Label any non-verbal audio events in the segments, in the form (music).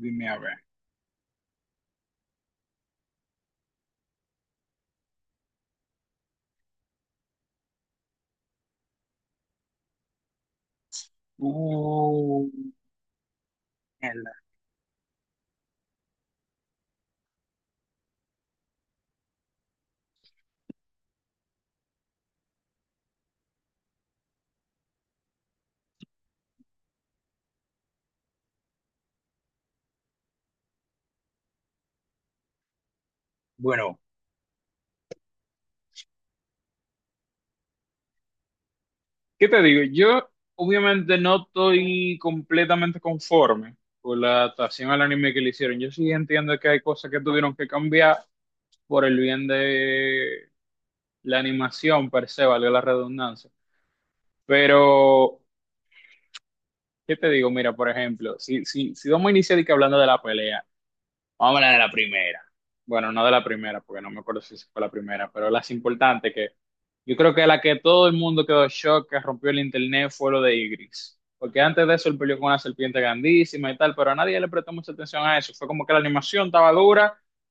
Dime a ver. Uh, mierda. Bueno, ¿qué te digo? Yo obviamente no estoy completamente conforme con la adaptación al anime que le hicieron. Yo sí entiendo que hay cosas que tuvieron que cambiar por el bien de la animación per se, valga la redundancia. Pero, ¿qué te digo? Mira, por ejemplo, si vamos a iniciar y que hablando de la pelea. Vamos a hablar de la primera. Bueno, no de la primera, porque no me acuerdo si fue la primera, pero las importantes que yo creo que la que todo el mundo quedó en shock, que rompió el internet, fue lo de Igris. Porque antes de eso él peleó con una serpiente grandísima y tal, pero a nadie le prestó mucha atención a eso. Fue como que la animación estaba dura,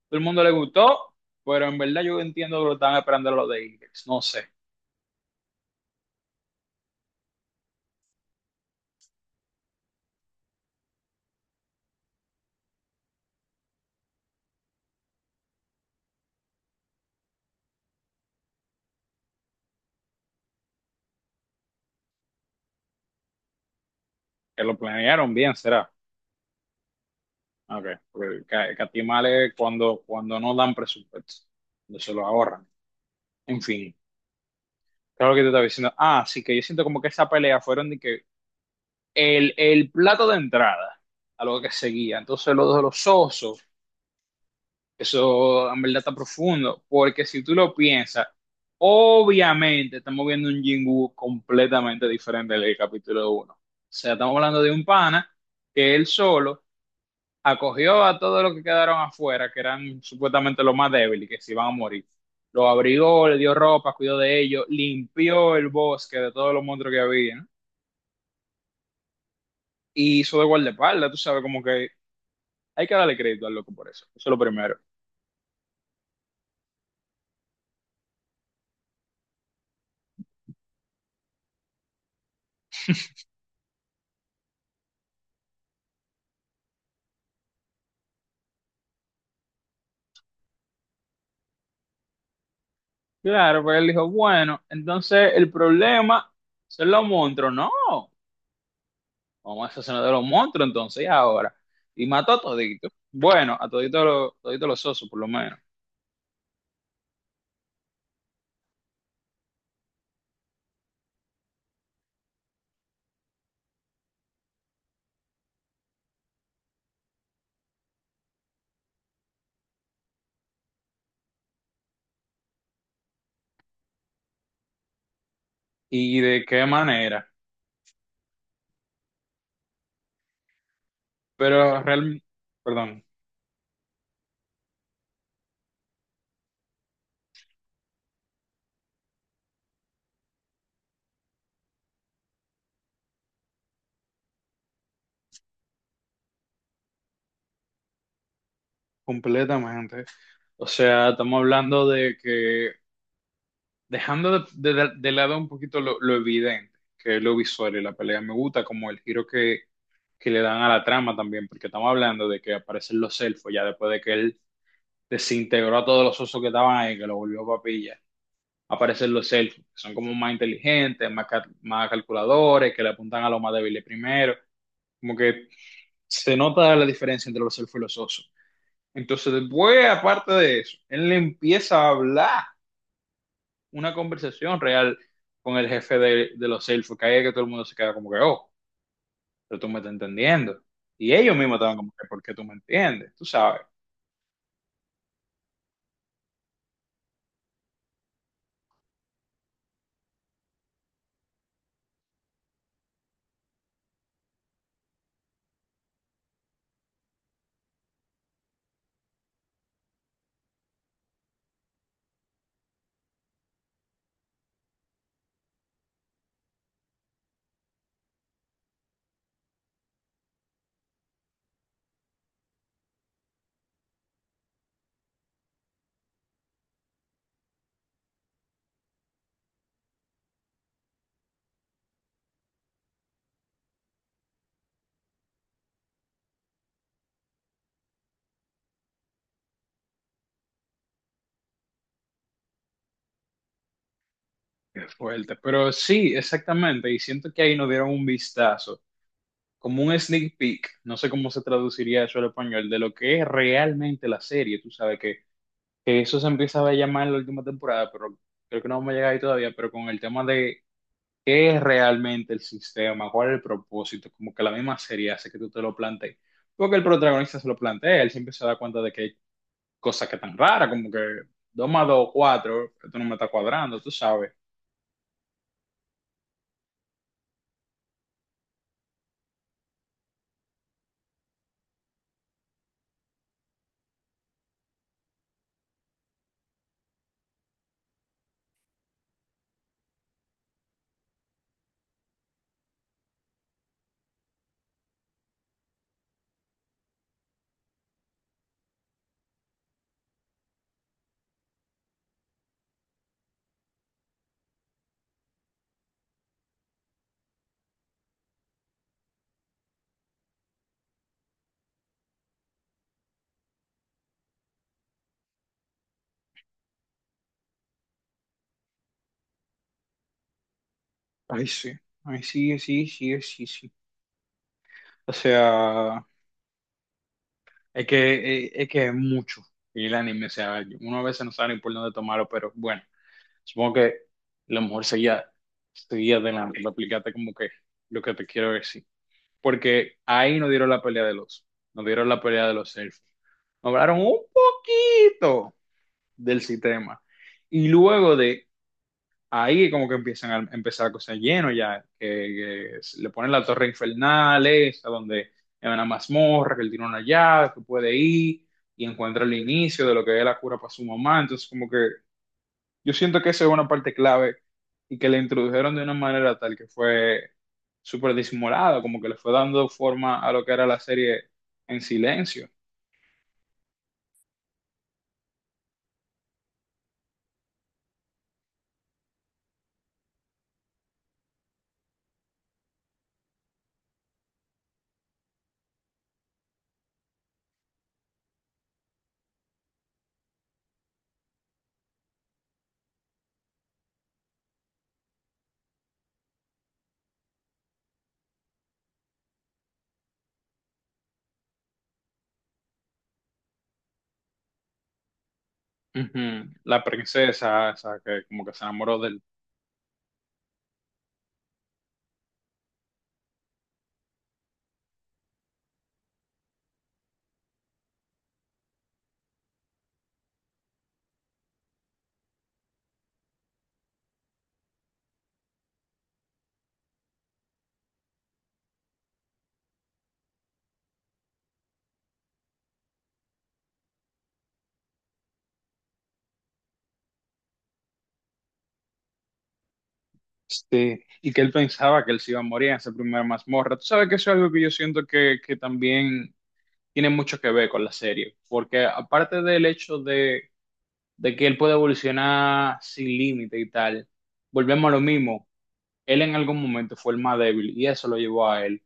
todo el mundo le gustó, pero en verdad yo entiendo que lo estaban esperando lo de Igris. No sé, que lo planearon bien, será. Ok, porque catimales cuando no dan presupuesto, cuando se lo ahorran. En fin. Claro lo que te estaba diciendo. Ah, sí, que yo siento como que esa pelea fueron de que el plato de entrada a lo que seguía. Entonces, lo de los osos, eso en verdad está profundo. Porque si tú lo piensas, obviamente estamos viendo un Jingu completamente diferente del capítulo uno. O sea, estamos hablando de un pana que él solo acogió a todos los que quedaron afuera, que eran supuestamente los más débiles, que se iban a morir. Los abrigó, le dio ropa, cuidó de ellos, limpió el bosque de todos los monstruos que había, ¿no? Y hizo de guardaespaldas, tú sabes, como que hay que darle crédito al loco por eso. Eso es lo primero. (laughs) Claro, pero él dijo, bueno, entonces el problema son los monstruos. No, vamos a asesinar de los monstruos entonces y ahora. Y mató a todito. Bueno, a todito, todito los osos por lo menos. ¿Y de qué manera? Pero real, perdón, completamente. O sea, estamos hablando de que, dejando de, de lado un poquito lo evidente, que es lo visual y la pelea, me gusta como el giro que le dan a la trama también, porque estamos hablando de que aparecen los elfos, ya después de que él desintegró a todos los osos que estaban ahí, que lo volvió papilla, aparecen los elfos, que son como más inteligentes, más, más calculadores, que le apuntan a los más débiles primero, como que se nota la diferencia entre los elfos y los osos. Entonces, después, aparte de eso, él le empieza a hablar una conversación real con el jefe de los elfos, que ahí es que todo el mundo se queda como que, oh, pero tú me estás entendiendo. Y ellos mismos estaban como que, ¿por qué tú me entiendes? Tú sabes, qué fuerte. Pero sí, exactamente, y siento que ahí nos dieron un vistazo, como un sneak peek, no sé cómo se traduciría eso al español, de lo que es realmente la serie. Tú sabes que eso se empieza a llamar en la última temporada, pero creo que no vamos a llegar ahí todavía, pero con el tema de ¿qué es realmente el sistema? ¿Cuál es el propósito? Como que la misma serie hace que tú te lo plantees. Porque el protagonista se lo plantea, él siempre se da cuenta de que hay cosas que están raras, como que 2 más 2 4. Esto no me está cuadrando, tú sabes. Ay, sí, ay, sí, sí, sí, sí, sí. O sea, es que es mucho. Y el anime, o sea, uno a veces no sabe ni por dónde tomarlo, pero bueno, supongo que lo mejor sería, sería de la, de aplicarte como que lo que te quiero decir. Porque ahí nos dieron la pelea de los, nos dieron la pelea de los selfies. Nos hablaron un poquito del sistema. Y luego de ahí como que empiezan a empezar a cosas lleno ya, que se le ponen la torre infernal, esa donde es una mazmorra, que él tiene una llave, que puede ir y encuentra el inicio de lo que es la cura para su mamá. Entonces como que yo siento que esa es una parte clave y que le introdujeron de una manera tal que fue súper disimulada, como que le fue dando forma a lo que era la serie en silencio. Ujú. La princesa, esa que como que se enamoró del... Sí, y que él pensaba que él se iba a morir en esa primera mazmorra. Tú sabes que eso es algo que yo siento que también tiene mucho que ver con la serie, porque aparte del hecho de que él puede evolucionar sin límite y tal, volvemos a lo mismo, él en algún momento fue el más débil y eso lo llevó a él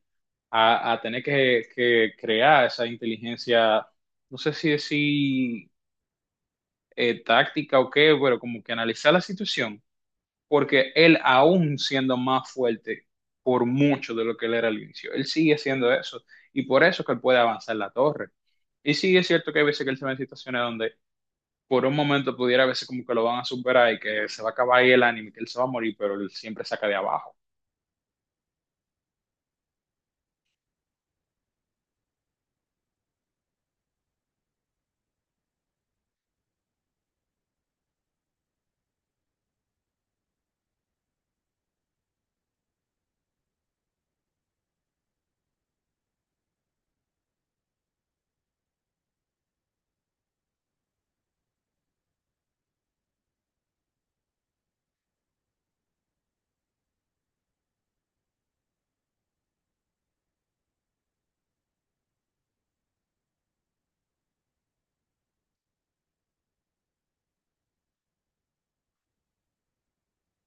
a tener que crear esa inteligencia, no sé si decir táctica o qué, pero como que analizar la situación, porque él aún siendo más fuerte por mucho de lo que él era al inicio, él sigue siendo eso y por eso es que él puede avanzar la torre. Y sí es cierto que hay veces que él se ve en situaciones donde por un momento pudiera a veces como que lo van a superar y que se va a acabar ahí el anime, que él se va a morir, pero él siempre saca de abajo.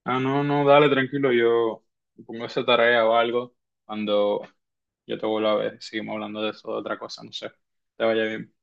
Ah, no, no, dale, tranquilo, yo pongo esa tarea o algo. Cuando yo te vuelva a ver, seguimos hablando de eso, de otra cosa, no sé. Te vaya bien.